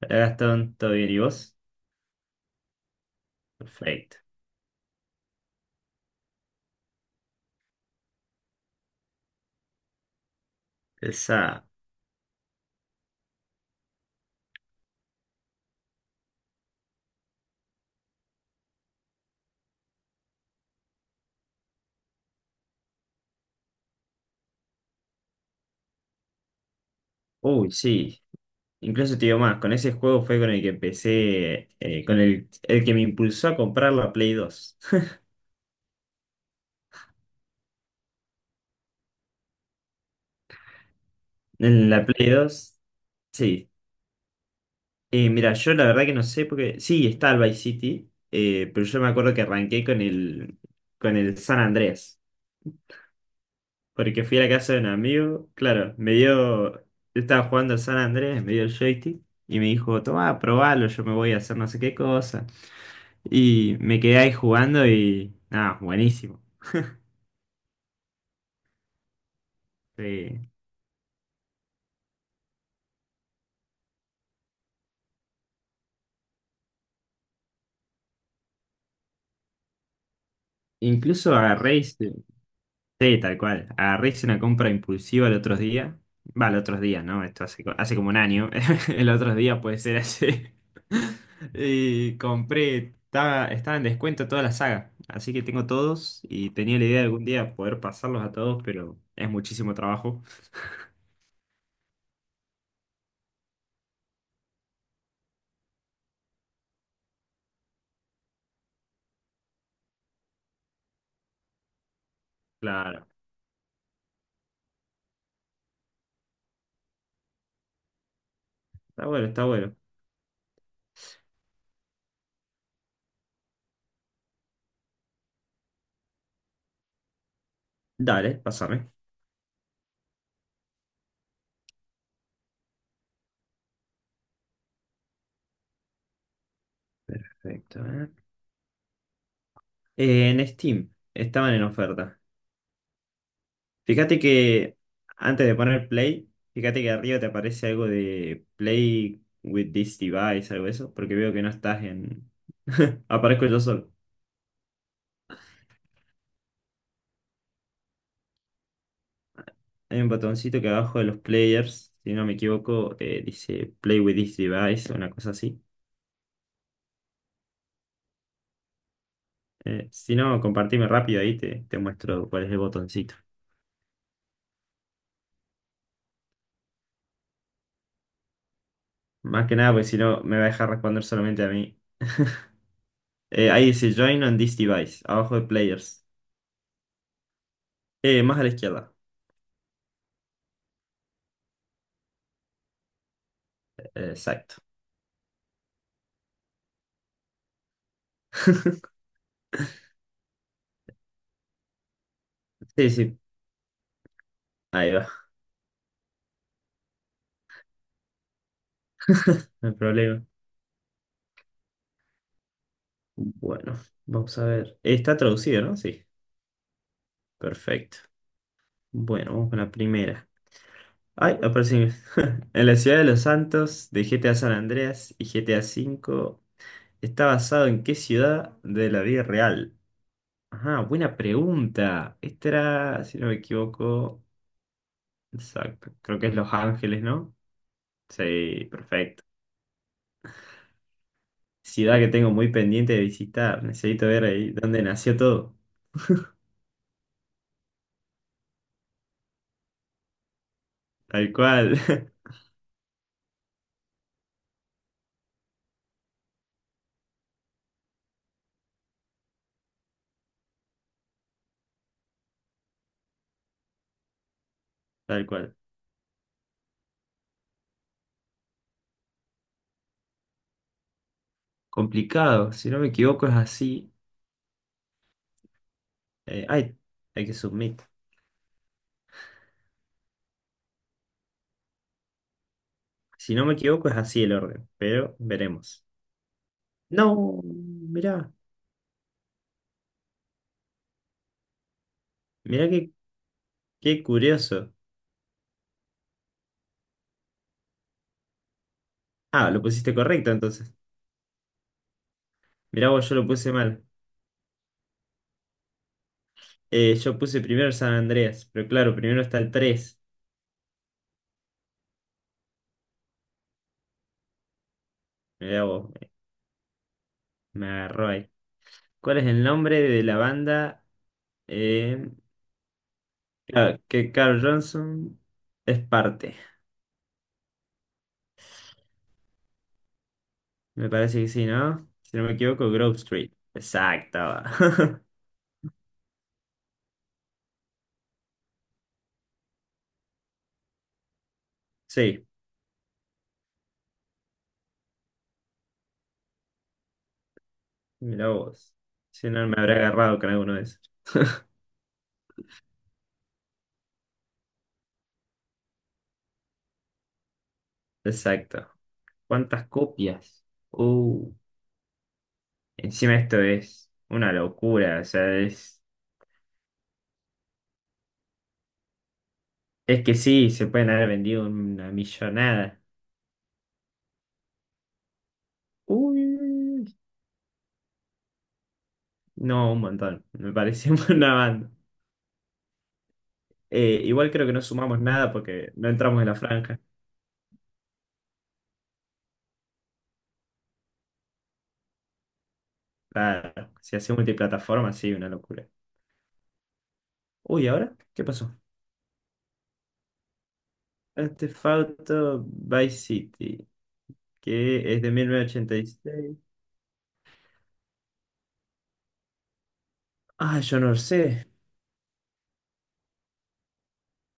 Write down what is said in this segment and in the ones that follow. Hola Gastón, ¿todo bien? ¿Y vos? Perfecto. Esa. Uy, sí. Incluso te digo más, con ese juego fue con el que empecé, con el que me impulsó a comprar la Play dos. En la Play dos, sí. Mira, yo la verdad que no sé porque. Sí, está el Vice City, pero yo me acuerdo que arranqué con el San Andrés. Porque fui a la casa de un amigo, claro, me dio. Yo estaba jugando al San Andrés, me dio el joystick y me dijo, tomá, probalo, yo me voy a hacer no sé qué cosa. Y me quedé ahí jugando y nada, buenísimo. Sí. Incluso agarré, sí, tal cual, agarré y hice una compra impulsiva el otro día. Va, el otro día, ¿no? Esto hace, hace como un año. El otro día puede ser hace. Y compré, estaba en descuento toda la saga. Así que tengo todos y tenía la idea de algún día poder pasarlos a todos, pero es muchísimo trabajo. Claro, está bueno, está bueno. Dale, pásame. Perfecto. ¿Eh? En Steam estaban en oferta. Fíjate que antes de poner play, fíjate que arriba te aparece algo de play with this device, algo de eso, porque veo que no estás en... Aparezco yo solo. Hay un botoncito que abajo de los players, si no me equivoco, dice play with this device, una cosa así. Si no, compartime rápido ahí, te muestro cuál es el botoncito. Más que nada, porque si no, me va a dejar responder solamente a mí. Ahí dice join on this device, abajo de players. Más a la izquierda. Exacto. Sí, sí. Ahí va. No hay problema. Bueno, vamos a ver. Está traducido, ¿no? Sí, perfecto. Bueno, vamos con la primera. Ay, aparece. En la ciudad de los Santos, de GTA San Andreas y GTA V, ¿está basado en qué ciudad de la vida real? Ajá, buena pregunta. Esta era, si no me equivoco, exacto. Creo que es Los Ángeles, ¿no? Sí, perfecto. Ciudad que tengo muy pendiente de visitar. Necesito ver ahí dónde nació todo. Tal cual. Tal cual. Complicado, si no me equivoco es así. Ay, hay que submit. Si no me equivoco es así el orden, pero veremos. No, mirá qué curioso. Ah, lo pusiste correcto entonces. Mirá vos, yo lo puse mal. Yo puse primero San Andreas, pero claro, primero está el tres. Mirá vos, me agarró ahí. ¿Cuál es el nombre de la banda eh, que Carl Johnson es parte? Me parece que sí, ¿no? Si no me equivoco, Grove Street. Exacto. Sí, mira vos. Si no me habré agarrado con alguno de esos. Exacto. ¿Cuántas copias? Uh, Encima esto es una locura. O sea, es que sí, se pueden haber vendido una millonada. Uy, no, un montón. Me parece una banda. Igual creo que no sumamos nada porque no entramos en la franja. Claro, si hace multiplataforma, sí, una locura. Uy, ¿ahora? ¿Qué pasó? Este Theft Auto Vice City, que es de 1986. Ah, yo no sé.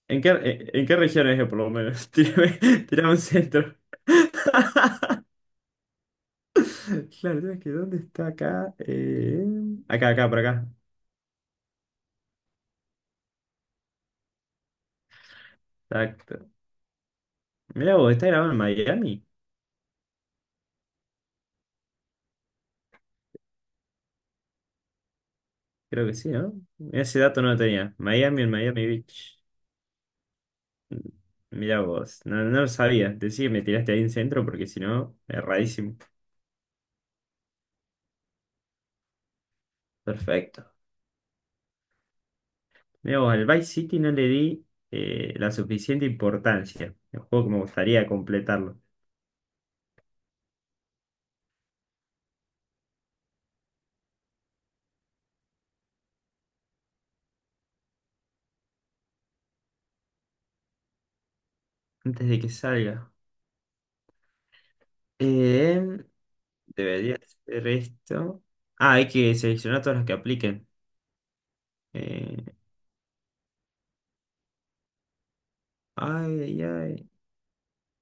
¿En qué, en, en qué región es, por lo menos? Tírame un centro. Claro, ¿sabes que? ¿Dónde está acá? Acá, por acá. Exacto. Mirá vos, ¿está grabado en Miami? Creo que sí, ¿no? Ese dato no lo tenía. Miami en Miami Beach. Mirá vos, no, no lo sabía. Decí que me tiraste ahí en centro porque si no, erradísimo. Perfecto. Mirá vos, al Vice City no le di la suficiente importancia. El juego que me gustaría completarlo. Antes de que salga. Em, Debería ser esto. Ah, hay que seleccionar todas las que apliquen. Eh, Ay, ay, ay.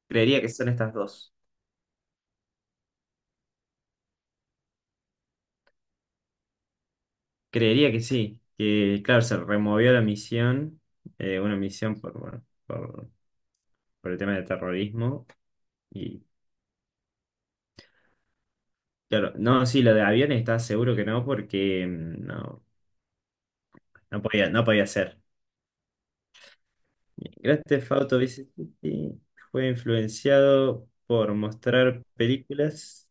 Creería que son estas dos. Creería que sí. Que, claro, se removió la misión. Una misión por, bueno, por el tema de terrorismo. Y, claro, no, sí, lo de aviones está seguro que no, porque no, no podía ser. Grand Theft Auto Vice City fue influenciado por mostrar películas.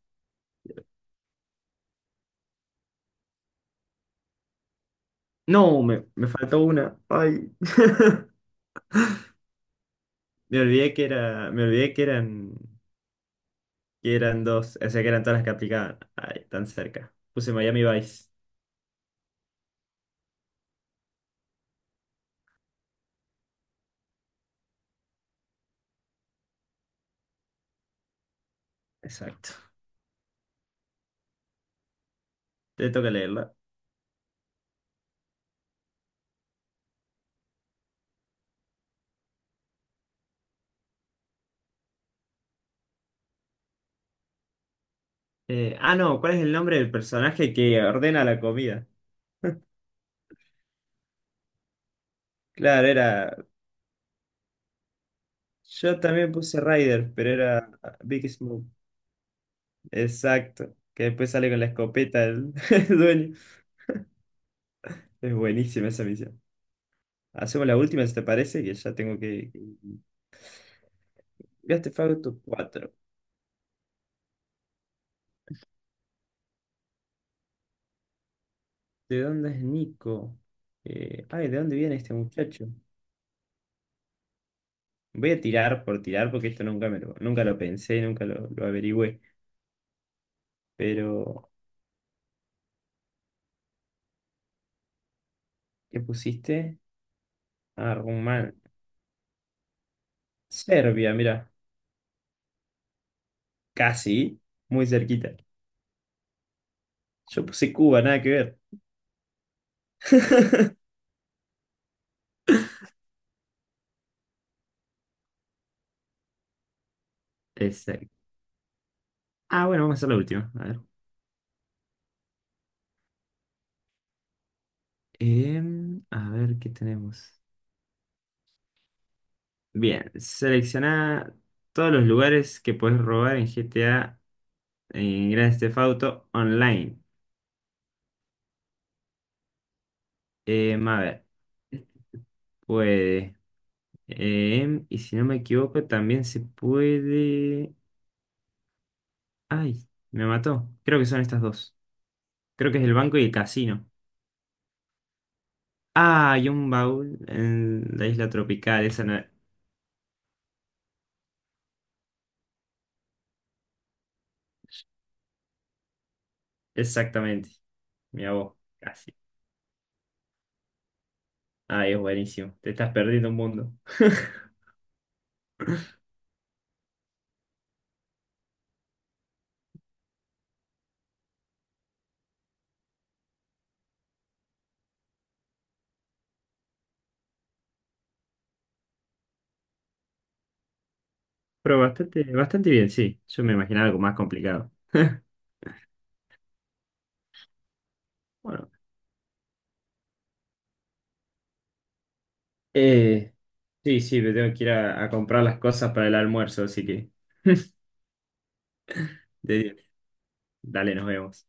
No, me faltó una. Ay. Me olvidé que eran dos, o sea, que eran todas las que aplicaban. Ay, tan cerca. Puse Miami Vice. Exacto. Te toca leerla. No, ¿cuál es el nombre del personaje que ordena la comida? Claro, era. Yo también puse Ryder, pero era Big Smoke. Exacto. Que después sale con la escopeta el, el dueño. Es buenísima esa misión. Hacemos la última, si te parece, que ya tengo que. ¿Gaste Fauto 4? ¿De dónde es Nico? Ay, ¿de dónde viene este muchacho? Voy a tirar por tirar porque esto nunca lo pensé, nunca lo averigüé. Pero, ¿qué pusiste? Ah, Rumán. Serbia, mira. Casi, muy cerquita. Yo puse Cuba, nada que ver. Exacto. Ah, bueno, vamos a hacer la última. A ver. A ver qué tenemos. Bien, selecciona todos los lugares que puedes robar en GTA, en Grand Theft Auto Online. A ver. Puede. Y si no me equivoco, también se puede. Ay, me mató. Creo que son estas dos. Creo que es el banco y el casino. Ah, hay un baúl en la isla tropical. Esa no- Exactamente. Mira vos, casi. Ay, es buenísimo. Te estás perdiendo un mundo. Pero bastante, bastante bien, sí. Yo me imaginaba algo más complicado. Bueno, eh, sí, sí, me tengo que ir a comprar las cosas para el almuerzo, así que de- dale, nos vemos.